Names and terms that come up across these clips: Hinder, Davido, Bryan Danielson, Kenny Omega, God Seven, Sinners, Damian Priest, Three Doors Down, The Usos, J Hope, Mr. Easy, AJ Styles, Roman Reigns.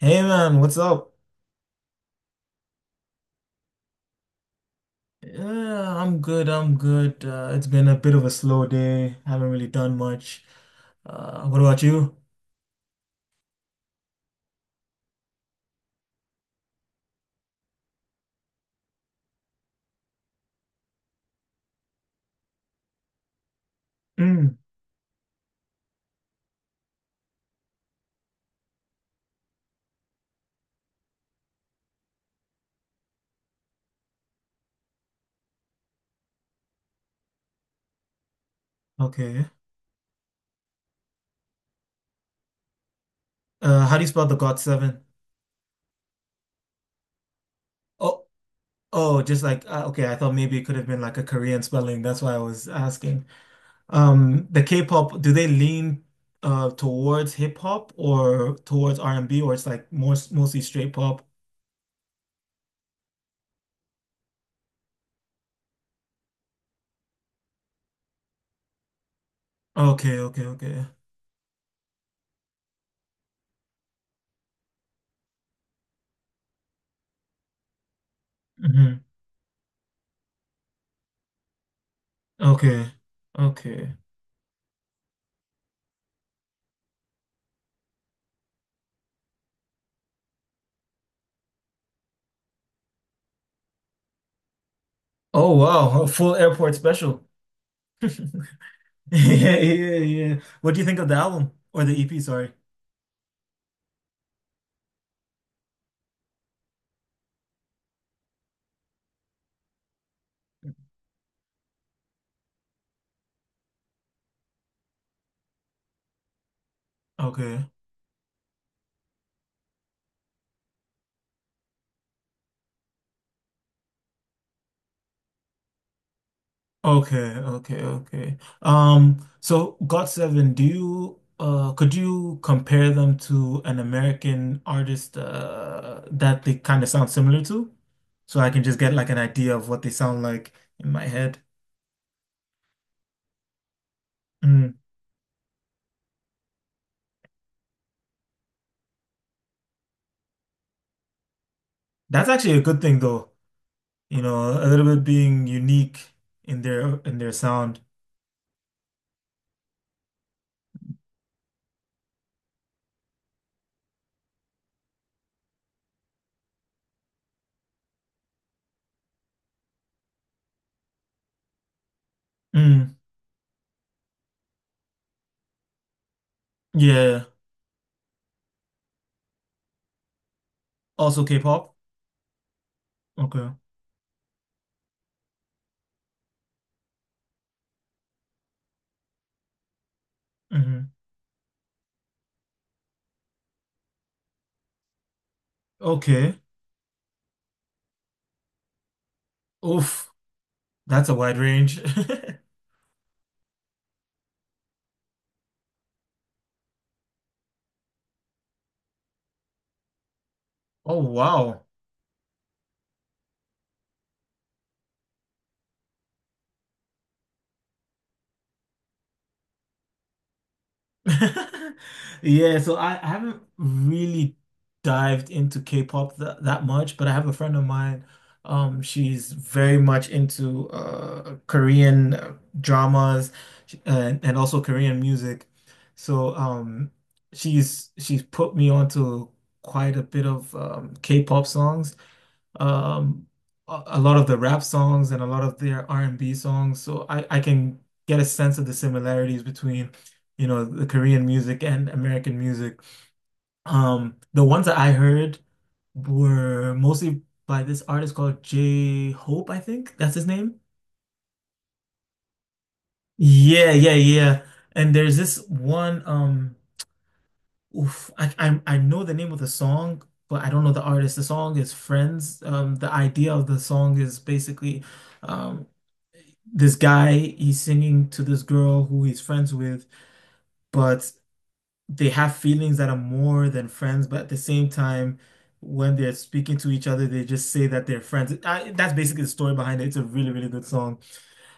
Hey man, what's up? Uh, I'm good, I'm good. It's been a bit of a slow day. Haven't really done much. What about you? Mm, okay. How do you spell the God Seven? Oh, oh, just like okay. I thought maybe it could have been like a Korean spelling. That's why I was asking. The K-pop, do they lean towards hip hop or towards R&B, or it's like more mostly straight pop? Okay, okay, okay. Hmm. Okay, okay. Oh wow, a full airport special. Yeah, yeah, yeah. What do you think of the album or the EP? Sorry. Okay. Okay, okay, okay. So God Seven, do you could you compare them to an American artist that they kind of sound similar to? So I can just get like an idea of what they sound like in my head. Mm. That's actually a good thing though. You know, a little bit being unique in their sound. Mm. Yeah. Also K-pop? Okay. Hmm. Okay. Oof, that's a wide range. Oh wow. Yeah, so I haven't really dived into K-pop that much, but I have a friend of mine. She's very much into Korean dramas and also Korean music. So she's put me onto quite a bit of K-pop songs. um, a lot of the rap songs and a lot of their R&B songs. So I can get a sense of the similarities between, you know, the Korean music and American music. The ones that I heard were mostly by this artist called J Hope, I think that's his name. Yeah, yeah, yeah. And there's this one, oof, I know the name of the song, but I don't know the artist. The song is Friends. The idea of the song is basically, um, this guy he's singing to this girl who he's friends with, but they have feelings that are more than friends, but at the same time, when they're speaking to each other, they just say that they're friends. I, that's basically the story behind it. It's a really, really good song.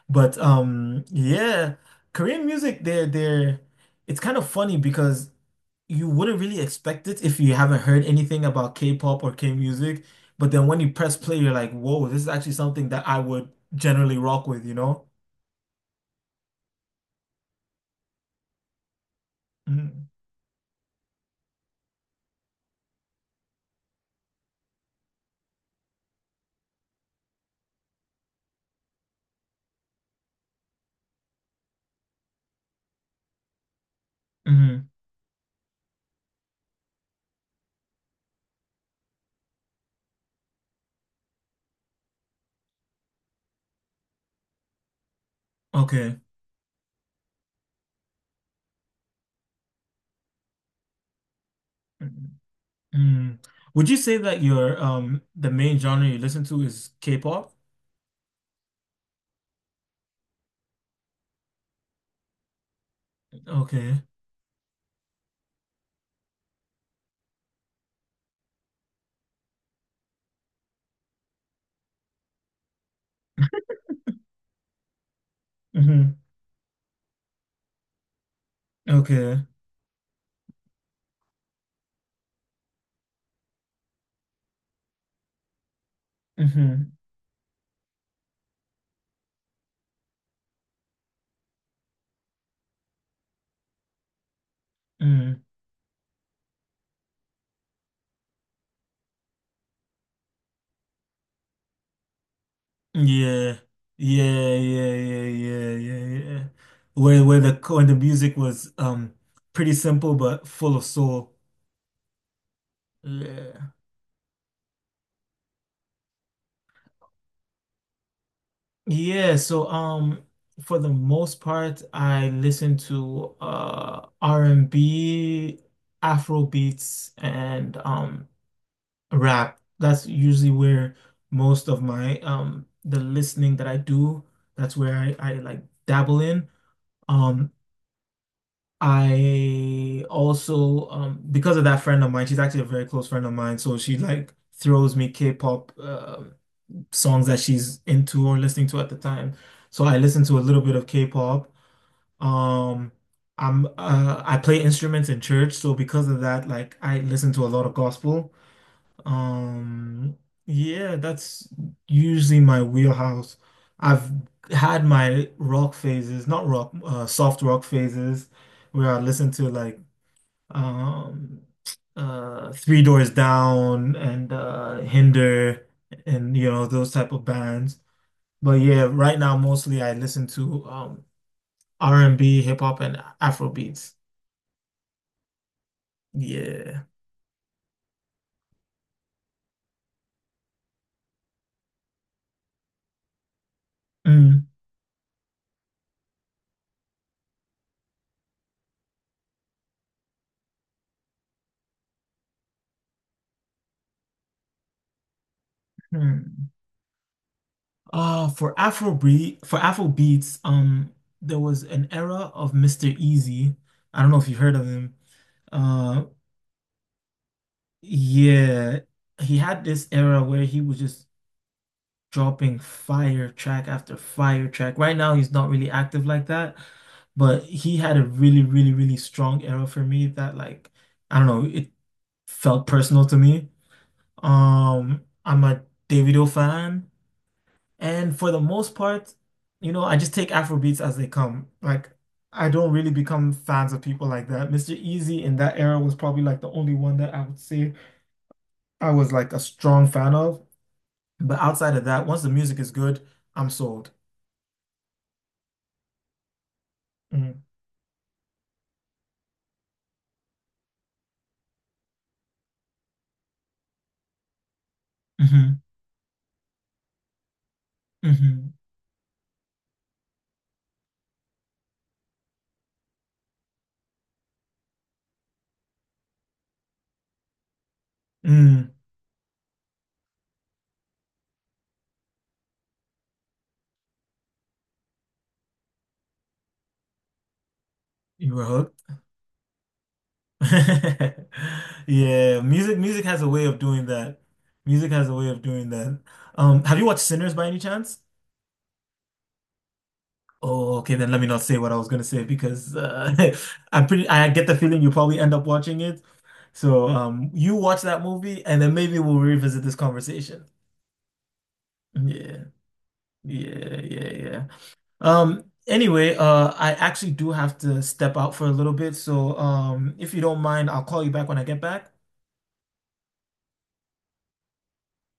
But yeah, Korean music, they're it's kind of funny because you wouldn't really expect it if you haven't heard anything about K-pop or K-music. But then when you press play, you're like, whoa, this is actually something that I would generally rock with, Mhm. Mhm. Okay. Mm. Would you say that your the main genre you listen to is K-pop? Okay. Hmm. Okay. Hmm. Mm. Yeah. Yeah, yeah, yeah, yeah, yeah, yeah. Where the when the music was pretty simple but full of soul. Yeah. Yeah, so for the most part I listen to R&B, Afro beats, and rap. That's usually where most of my the listening that I do, that's where I like dabble in. Um I also because of that friend of mine, she's actually a very close friend of mine, so she like throws me K-pop songs that she's into or listening to at the time. So I listen to a little bit of K-pop. Um I'm I play instruments in church, so because of that, like I listen to a lot of gospel. Um, yeah, that's usually my wheelhouse. I've had my rock phases, not rock, soft rock phases, where I listen to like um, Three Doors Down and Hinder and you know those type of bands. But yeah, right now mostly I listen to R&B, hip hop, and Afro beats. Yeah. Mhm. For Afrobeat, for Afrobeats, there was an era of Mr. Easy. I don't know if you've heard of him. Uh, yeah, he had this era where he was just dropping fire track after fire track. Right now, he's not really active like that, but he had a really, really, really strong era for me that, like, I don't know, it felt personal to me. I'm a Davido fan. And for the most part, you know, I just take Afro beats as they come. Like, I don't really become fans of people like that. Mr. Easy in that era was probably like the only one that I would say I was like a strong fan of. But outside of that, once the music is good, I'm sold. Mm. Mm-hmm. Mm-hmm. Mm. You were hooked. Yeah, music has a way of doing that. Music has a way of doing that. Have you watched Sinners by any chance? Oh, okay, then let me not say what I was gonna say because I'm pretty. I get the feeling you'll probably end up watching it. So, you watch that movie, and then maybe we'll revisit this conversation. Yeah, yeah, yeah, yeah. Anyway, I actually do have to step out for a little bit, so if you don't mind, I'll call you back when I get back.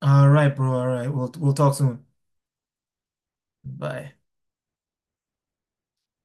All right, bro. All right, we'll talk soon. Bye.